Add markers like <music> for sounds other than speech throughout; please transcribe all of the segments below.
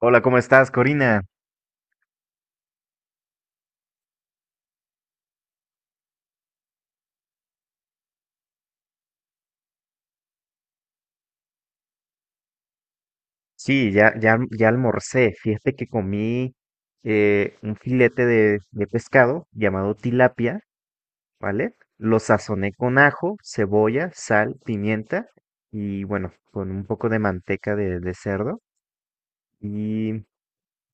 Hola, ¿cómo estás, Corina? Sí, ya almorcé. Fíjate que comí un filete de pescado llamado tilapia, ¿vale? Lo sazoné con ajo, cebolla, sal, pimienta y bueno, con un poco de manteca de cerdo. Y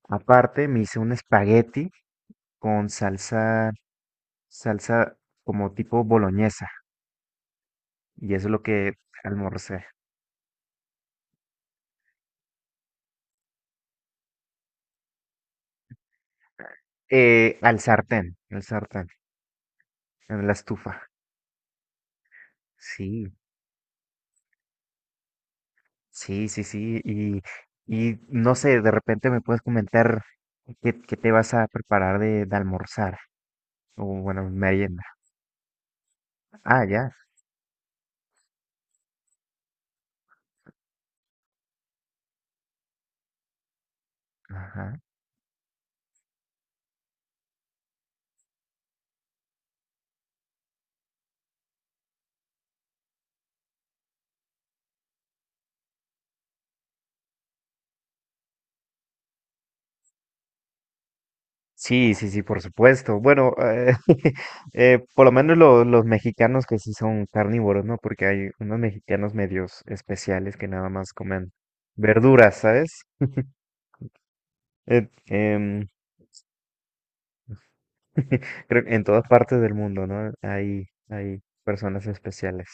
aparte me hice un espagueti con salsa como tipo boloñesa. Y eso es lo que almorcé. Al sartén, al sartén, en la estufa. Sí. Sí, sí, sí, y no sé, de repente me puedes comentar qué te vas a preparar de almorzar, o bueno, merienda. Ah, ya, ajá. Sí, sí, sí, por supuesto. Bueno, <laughs> por lo menos los mexicanos que sí son carnívoros, ¿no? Porque hay unos mexicanos medios especiales que nada más comen verduras, ¿sabes? Eh, em, <laughs> creo que en todas partes del mundo, ¿no? Hay personas especiales.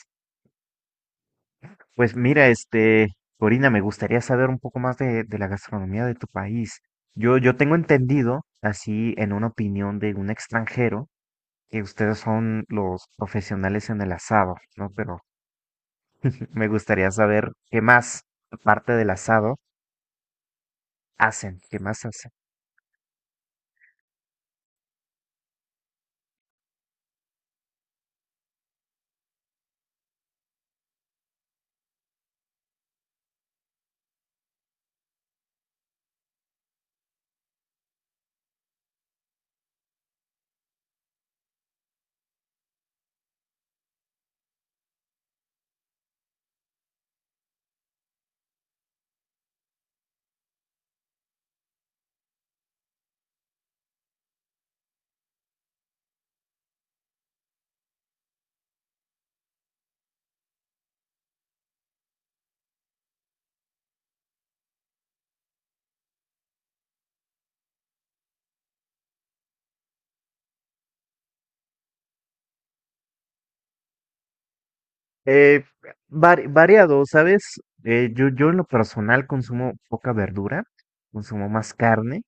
Pues mira, este, Corina, me gustaría saber un poco más de la gastronomía de tu país. Yo tengo entendido, así en una opinión de un extranjero, que ustedes son los profesionales en el asado, ¿no? Pero me gustaría saber qué más, aparte del asado, hacen, qué más hacen. Eh, Variado, ¿sabes? Yo en lo personal consumo poca verdura, consumo más carne,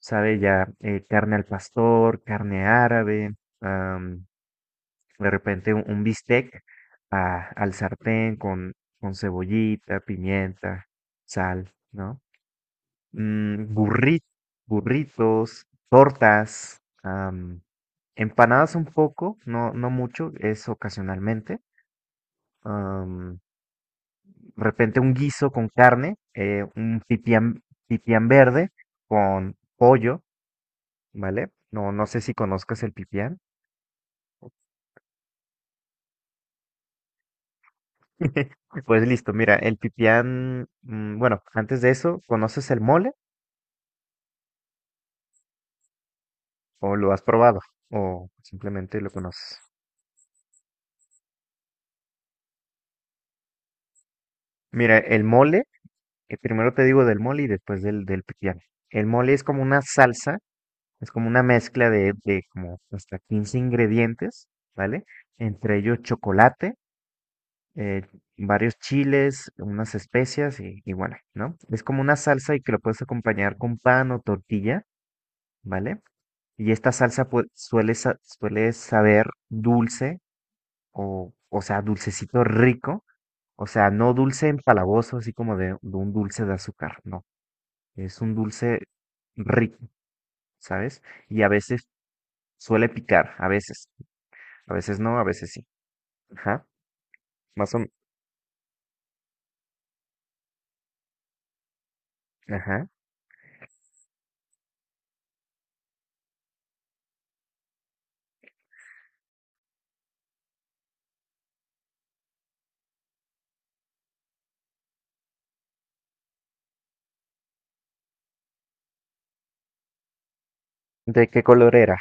¿sabe? Ya carne al pastor, carne árabe. De repente un bistec al sartén con cebollita, pimienta, sal, ¿no? Mm, burri- Burritos, tortas, empanadas un poco, no, no mucho, es ocasionalmente. am, de repente un guiso con carne, un pipián, pipián verde con pollo, ¿vale? No, no sé si conozcas el pipián. <laughs> Pues listo, mira, el pipián, mm, bueno, antes de eso, ¿conoces el mole o lo has probado o simplemente lo conoces? Mira, el mole, primero te digo del mole y después del pipián. El mole es como una salsa, es como una mezcla de como hasta 15 ingredientes, ¿vale? Entre ellos chocolate, eh, varios chiles, unas especias y bueno, ¿no? Es como una salsa y que lo puedes acompañar con pan o tortilla, ¿vale? Y esta salsa pues, suele saber dulce o sea, dulcecito rico. O sea, no dulce empalagoso, así como de un dulce de azúcar. No, es un dulce rico, ¿sabes? Y a veces suele picar, a veces. A veces no, a veces sí. Ajá, más o menos. Ajá. ¿De qué color era?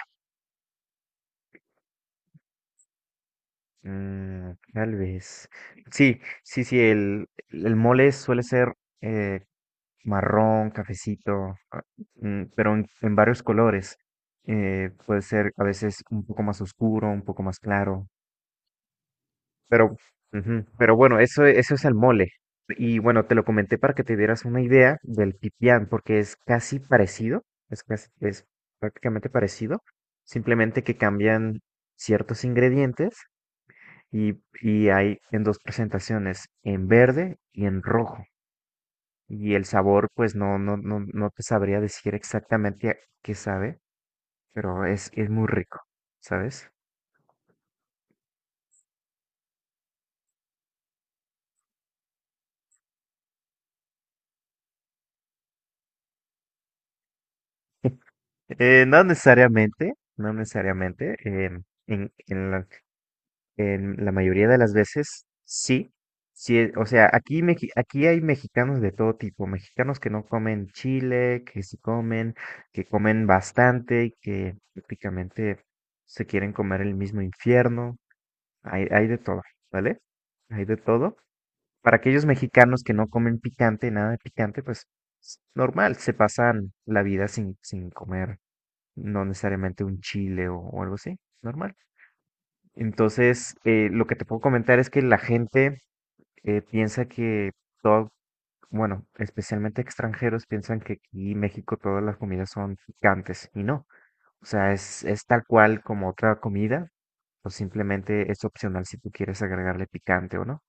Mm, tal vez. Sí, sí, sí, el mole suele ser eh, marrón, cafecito, ah, mm, pero en varios colores. Puede ser a veces un poco más oscuro, un poco más claro, pero, ujú, pero bueno, eso es el mole. Y bueno, te lo comenté para que te dieras una idea del pipián, porque es casi parecido, es, es prácticamente parecido, simplemente que cambian ciertos ingredientes y, y hay en dos presentaciones, en verde y en rojo. Y el sabor, pues no, no, no, no te sabría decir exactamente a qué sabe, pero es muy rico, ¿sabes? <laughs> No necesariamente, no necesariamente. em, en, en la, en la mayoría de las veces, sí. Sí, o sea, aquí hay mexicanos de todo tipo, mexicanos que no comen chile, que sí comen, que comen bastante y que prácticamente se quieren comer el mismo infierno. Hay de todo, ¿vale? Hay de todo. Para aquellos mexicanos que no comen picante, nada de picante, pues es normal, se pasan la vida sin, sin comer, no necesariamente un chile o algo así, normal. Entonces, lo que te puedo comentar es que la gente piensa que todo, bueno, especialmente extranjeros piensan que aquí en México todas las comidas son picantes y no. O sea, es tal cual como otra comida, o simplemente es opcional si tú quieres agregarle picante o no.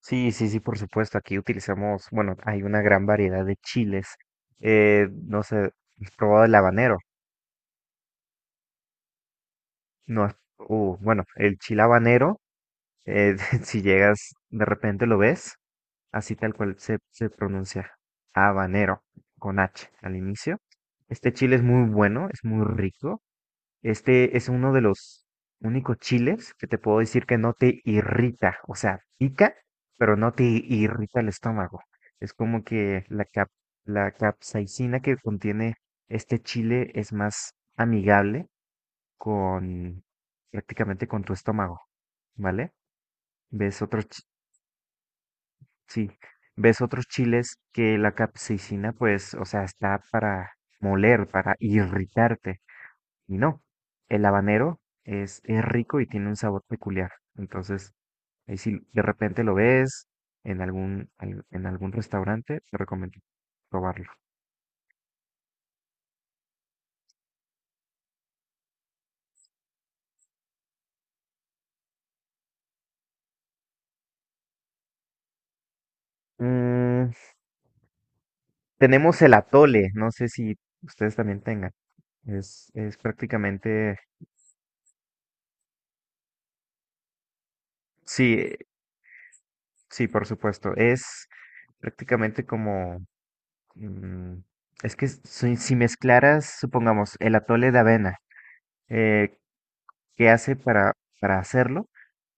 Sí, sí, sí, por supuesto. Aquí utilizamos, bueno, hay una gran variedad de chiles. No sé, <laughs> ¿has probado el habanero? No, bueno, el chile habanero, eh, <laughs> si llegas, de repente lo ves, así tal cual se, se pronuncia, habanero, con H al inicio. Este chile es muy bueno, es muy rico. Este es uno de los únicos chiles que te puedo decir que no te irrita, o sea, pica, pero no te irrita el estómago. Es como que la capsaicina que contiene este chile es más amigable con prácticamente con tu estómago, ¿vale? Ves otros, chi- sí, ves otros chiles que la capsaicina, pues, o sea, está para moler, para irritarte. Y no, el habanero es rico y tiene un sabor peculiar. Entonces, ahí si de repente lo ves en en algún restaurante, te recomiendo probarlo. Mm, tenemos el atole, no sé si ustedes también tengan. Es prácticamente, sí, sí, por supuesto. Es prácticamente como, mm, es que si, si mezclaras, supongamos, el atole de avena, eh, ¿qué hace para hacerlo?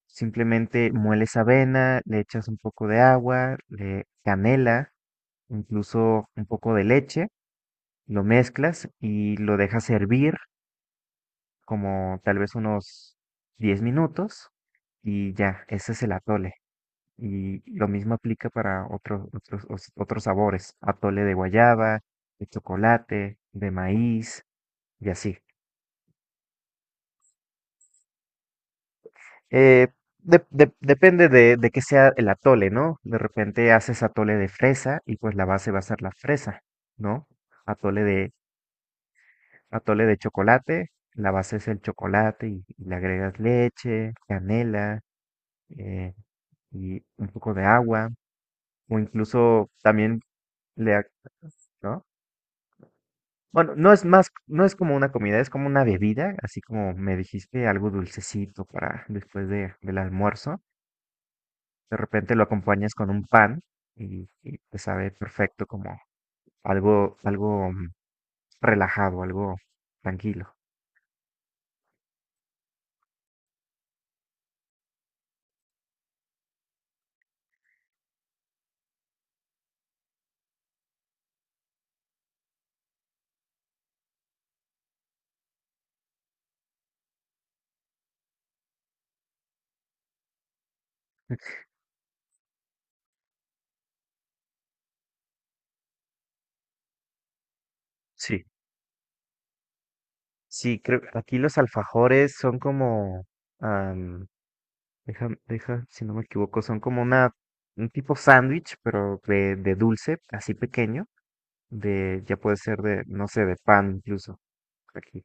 Simplemente mueles avena, le echas un poco de agua, le canela, incluso un poco de leche, lo mezclas y lo dejas hervir como tal vez unos 10 minutos y ya, ese es el atole. Y lo mismo aplica para otros sabores, atole de guayaba, de chocolate, de maíz y así. Eh, depende de qué sea el atole, ¿no? De repente haces atole de fresa y pues la base va a ser la fresa, ¿no? Atole de, atole de chocolate, la base es el chocolate y le agregas leche, canela eh, y un poco de agua o incluso también le, ag- ¿no? Bueno, no es más, no es como una comida, es como una bebida, así como me dijiste, algo dulcecito para después de, del almuerzo. De repente lo acompañas con un pan y te sabe perfecto como algo, algo mm, relajado, algo tranquilo. Sí, sí, creo que aquí los alfajores son como, am, deja, deja, si no me equivoco, son como una, un tipo sándwich, pero de dulce, así pequeño, de, ya puede ser de, no sé, de pan incluso. Aquí.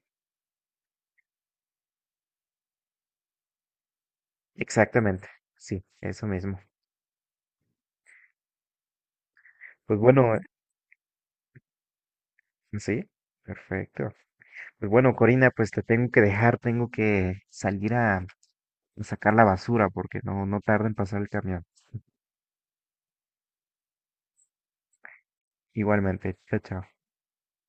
Exactamente, sí, eso mismo. Pues bueno, sí, perfecto. Pues bueno, Corina, pues te tengo que dejar, tengo que salir a sacar la basura porque no, no tarda en pasar el camión. Igualmente, chao, chao.